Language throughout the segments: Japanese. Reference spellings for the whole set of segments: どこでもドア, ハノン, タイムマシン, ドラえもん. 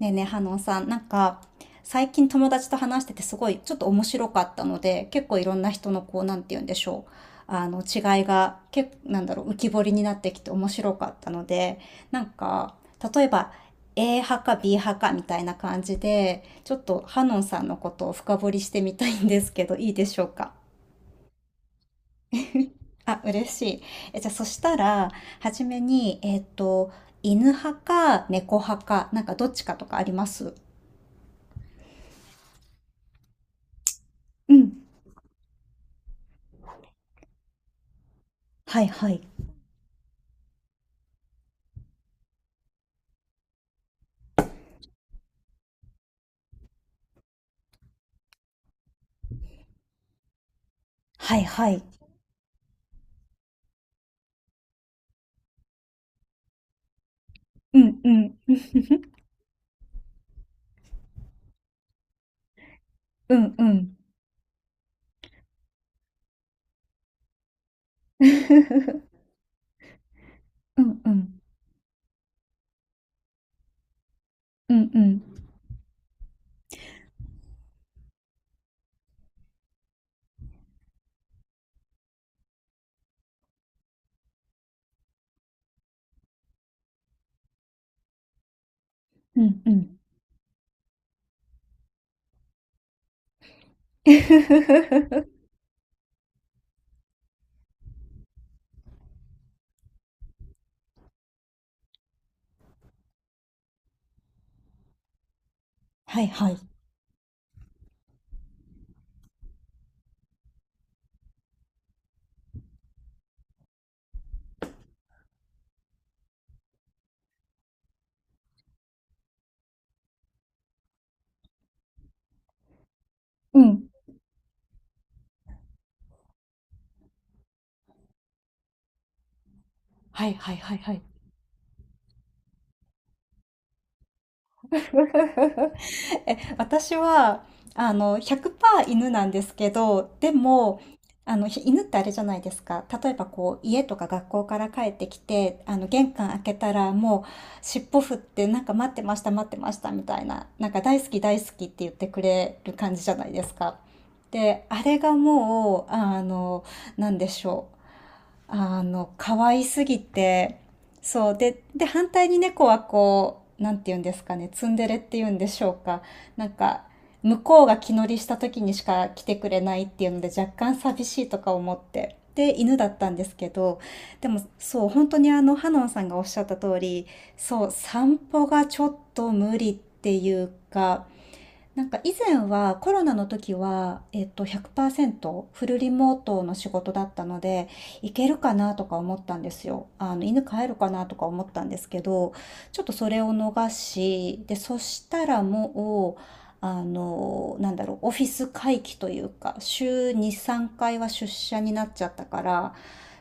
ねえねえ、ハノンさん、最近友達と話しててすごいちょっと面白かったので、結構いろんな人のこう、なんて言うんでしょう。違いが、結構、浮き彫りになってきて面白かったので、なんか、例えば、A 派か B 派かみたいな感じで、ちょっとハノンさんのことを深掘りしてみたいんですけど、いいでしょうか。あ、嬉しい。じゃあ、そしたら、はじめに、犬派か猫派か、なんかどっちかとかありますうん。はいはい。はいはい。うんうん。うんうん。うんうん。うんうん。うんうん。はいはい。うん。はいはいはいはい。え、私は、100%犬なんですけど、でも、あの、犬ってあれじゃないですか。例えばこう、家とか学校から帰ってきて、玄関開けたらもう、尻尾振って、なんか待ってました、待ってました、みたいな、なんか大好き、大好きって言ってくれる感じじゃないですか。で、あれがもう、あの、なんでしょう。あの、可愛すぎて、そう。で、反対に猫はこう、なんて言うんですかね、ツンデレって言うんでしょうか。なんか、向こうが気乗りした時にしか来てくれないっていうので、若干寂しいとか思って。で、犬だったんですけど、でも、そう、本当にハノンさんがおっしゃった通り、そう、散歩がちょっと無理っていうか、なんか以前はコロナの時は、100%フルリモートの仕事だったので、行けるかなとか思ったんですよ。犬飼えるかなとか思ったんですけど、ちょっとそれを逃し、で、そしたらもう、オフィス回帰というか、週2、3回は出社になっちゃったから、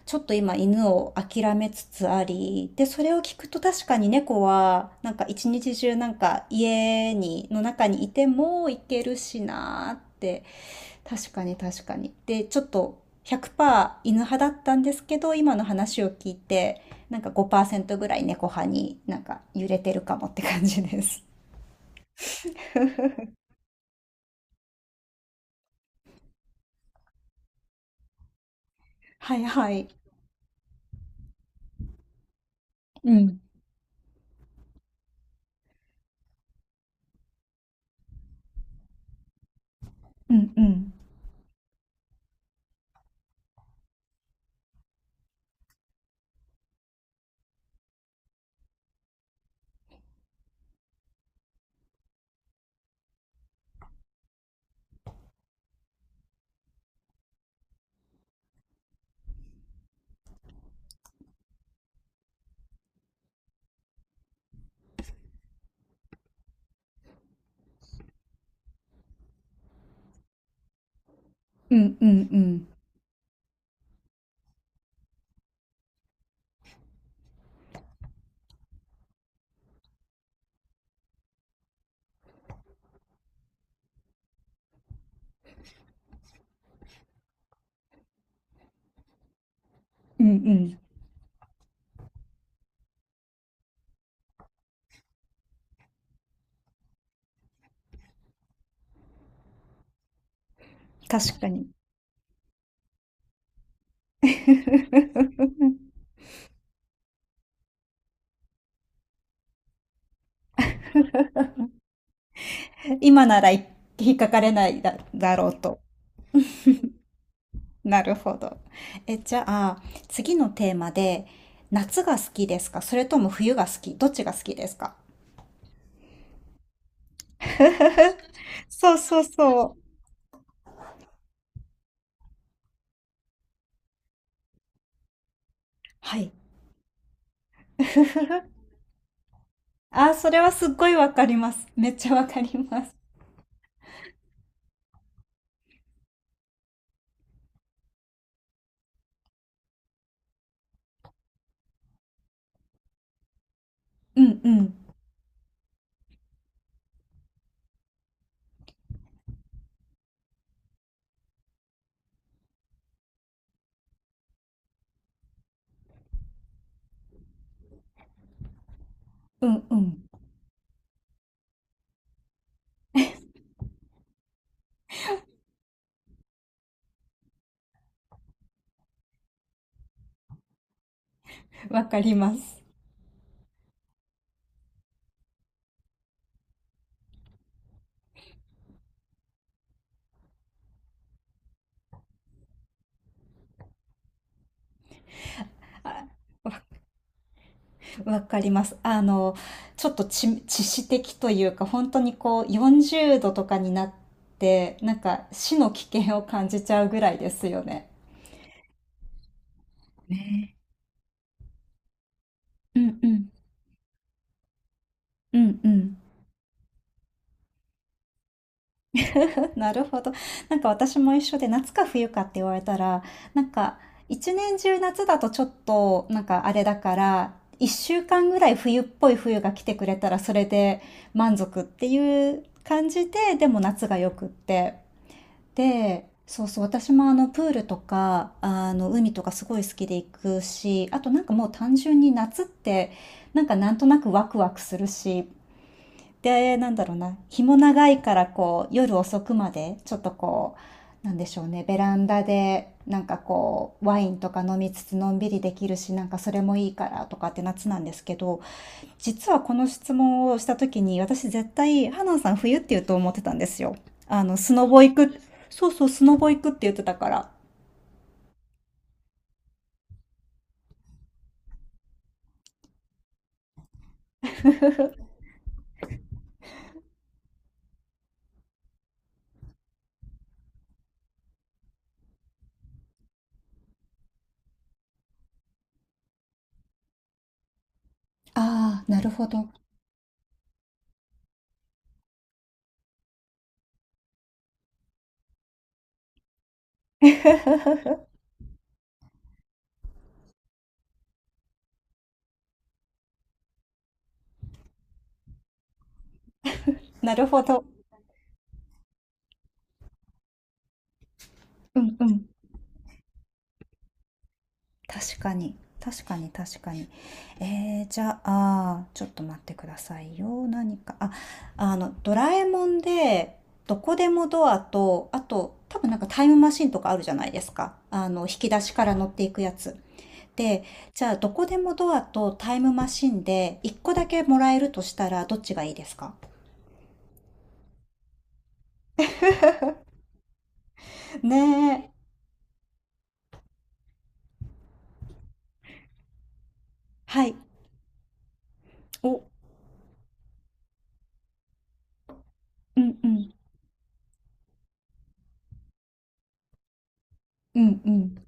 ちょっと今犬を諦めつつあり、で、それを聞くと確かに猫は、なんか一日中なんか家の中にいても行けるしなーって、確かに確かに。で、ちょっと100%犬派だったんですけど、今の話を聞いて、なんか5%ぐらい猫派になんか揺れてるかもって感じです。はいはい。うん。うんうん。うんうんうん。うんうん。確かに。今なら引っかかれないだろうと。なるほど。え、じゃあ、次のテーマで、夏が好きですか、それとも冬が好きどっちが好きですか。そうそうそう。はい。あー、それはすっごいわかります。めっちゃわかります。うんうん。うんうん。わかります。あ、わ、わかります。ちょっと知識的というか、本当にこう、40度とかになって、なんか死の危険を感じちゃうぐらいですよね。ね。うんうん。うんうん。なるほど。なんか私も一緒で、夏か冬かって言われたら、なんか一年中夏だとちょっとなんかあれだから、一週間ぐらい冬っぽい冬が来てくれたらそれで満足っていう感じで、でも夏がよくって。で、そうそう、私もあのプールとか、あの海とかすごい好きで行くし、あとなんかもう単純に夏ってなんとなくワクワクするし、で、なんだろうな、日も長いからこう、夜遅くまで、ちょっとこう、なんでしょうね、ベランダで、なんかこう、ワインとか飲みつつのんびりできるし、なんかそれもいいからとかって夏なんですけど、実はこの質問をした時に、私絶対、ハナンさん冬って言うと思ってたんですよ。スノボ行く、そうそう、スノボ行くって言ってたから。ああ、なるほど。なるほど。うんうん。確かに。確かに確かに。えー、じゃあ、ちょっと待ってくださいよ。何か。あ、ドラえもんで、どこでもドアと、あと、多分なんかタイムマシンとかあるじゃないですか。引き出しから乗っていくやつ。で、じゃあ、どこでもドアとタイムマシンで、一個だけもらえるとしたら、どっちがいいですか。ねえ。はい。お、うんうん。うんうん。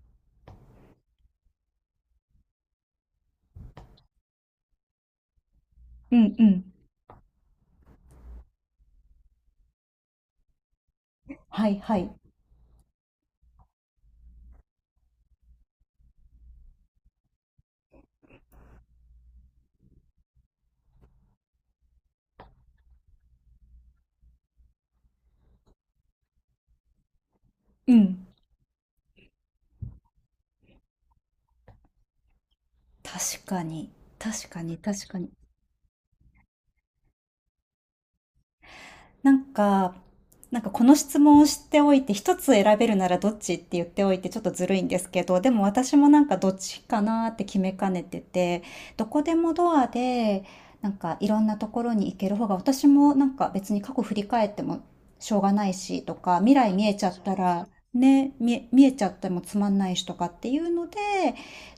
うんうん。はいはい。うん。確かに。確かに、確かに。なんか、なんかこの質問をしておいて、一つ選べるならどっちって言っておいてちょっとずるいんですけど、でも私もなんかどっちかなって決めかねてて、どこでもドアで、なんかいろんなところに行ける方が、私もなんか別に過去振り返ってもしょうがないしとか、未来見えちゃったら、ね、見えちゃってもつまんないしとかっていうので、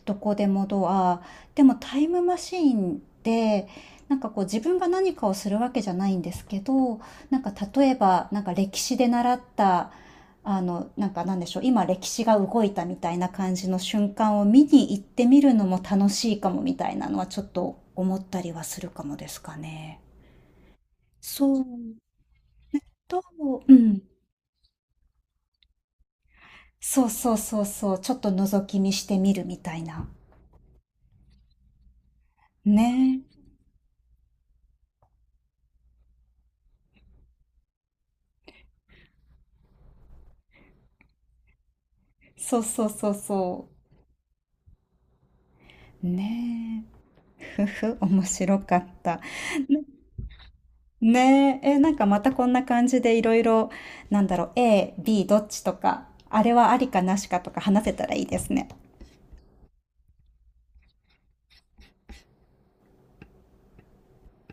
どこでもドア、でもタイムマシーンで、なんかこう自分が何かをするわけじゃないんですけど、なんか例えば、なんか歴史で習った、あの、なんかなんでしょう、今歴史が動いたみたいな感じの瞬間を見に行ってみるのも楽しいかもみたいなのはちょっと思ったりはするかもですかね。そう、と、うん。そうそうそうそう、ちょっと覗き見してみるみたいな。ねえ。そうそうそうそう。ねえ。ふふ、面白かった。ねえ、え、なんかまたこんな感じでいろいろ、なんだろう、A、B どっちとか、あれはありかなしかとか話せたらいいですね。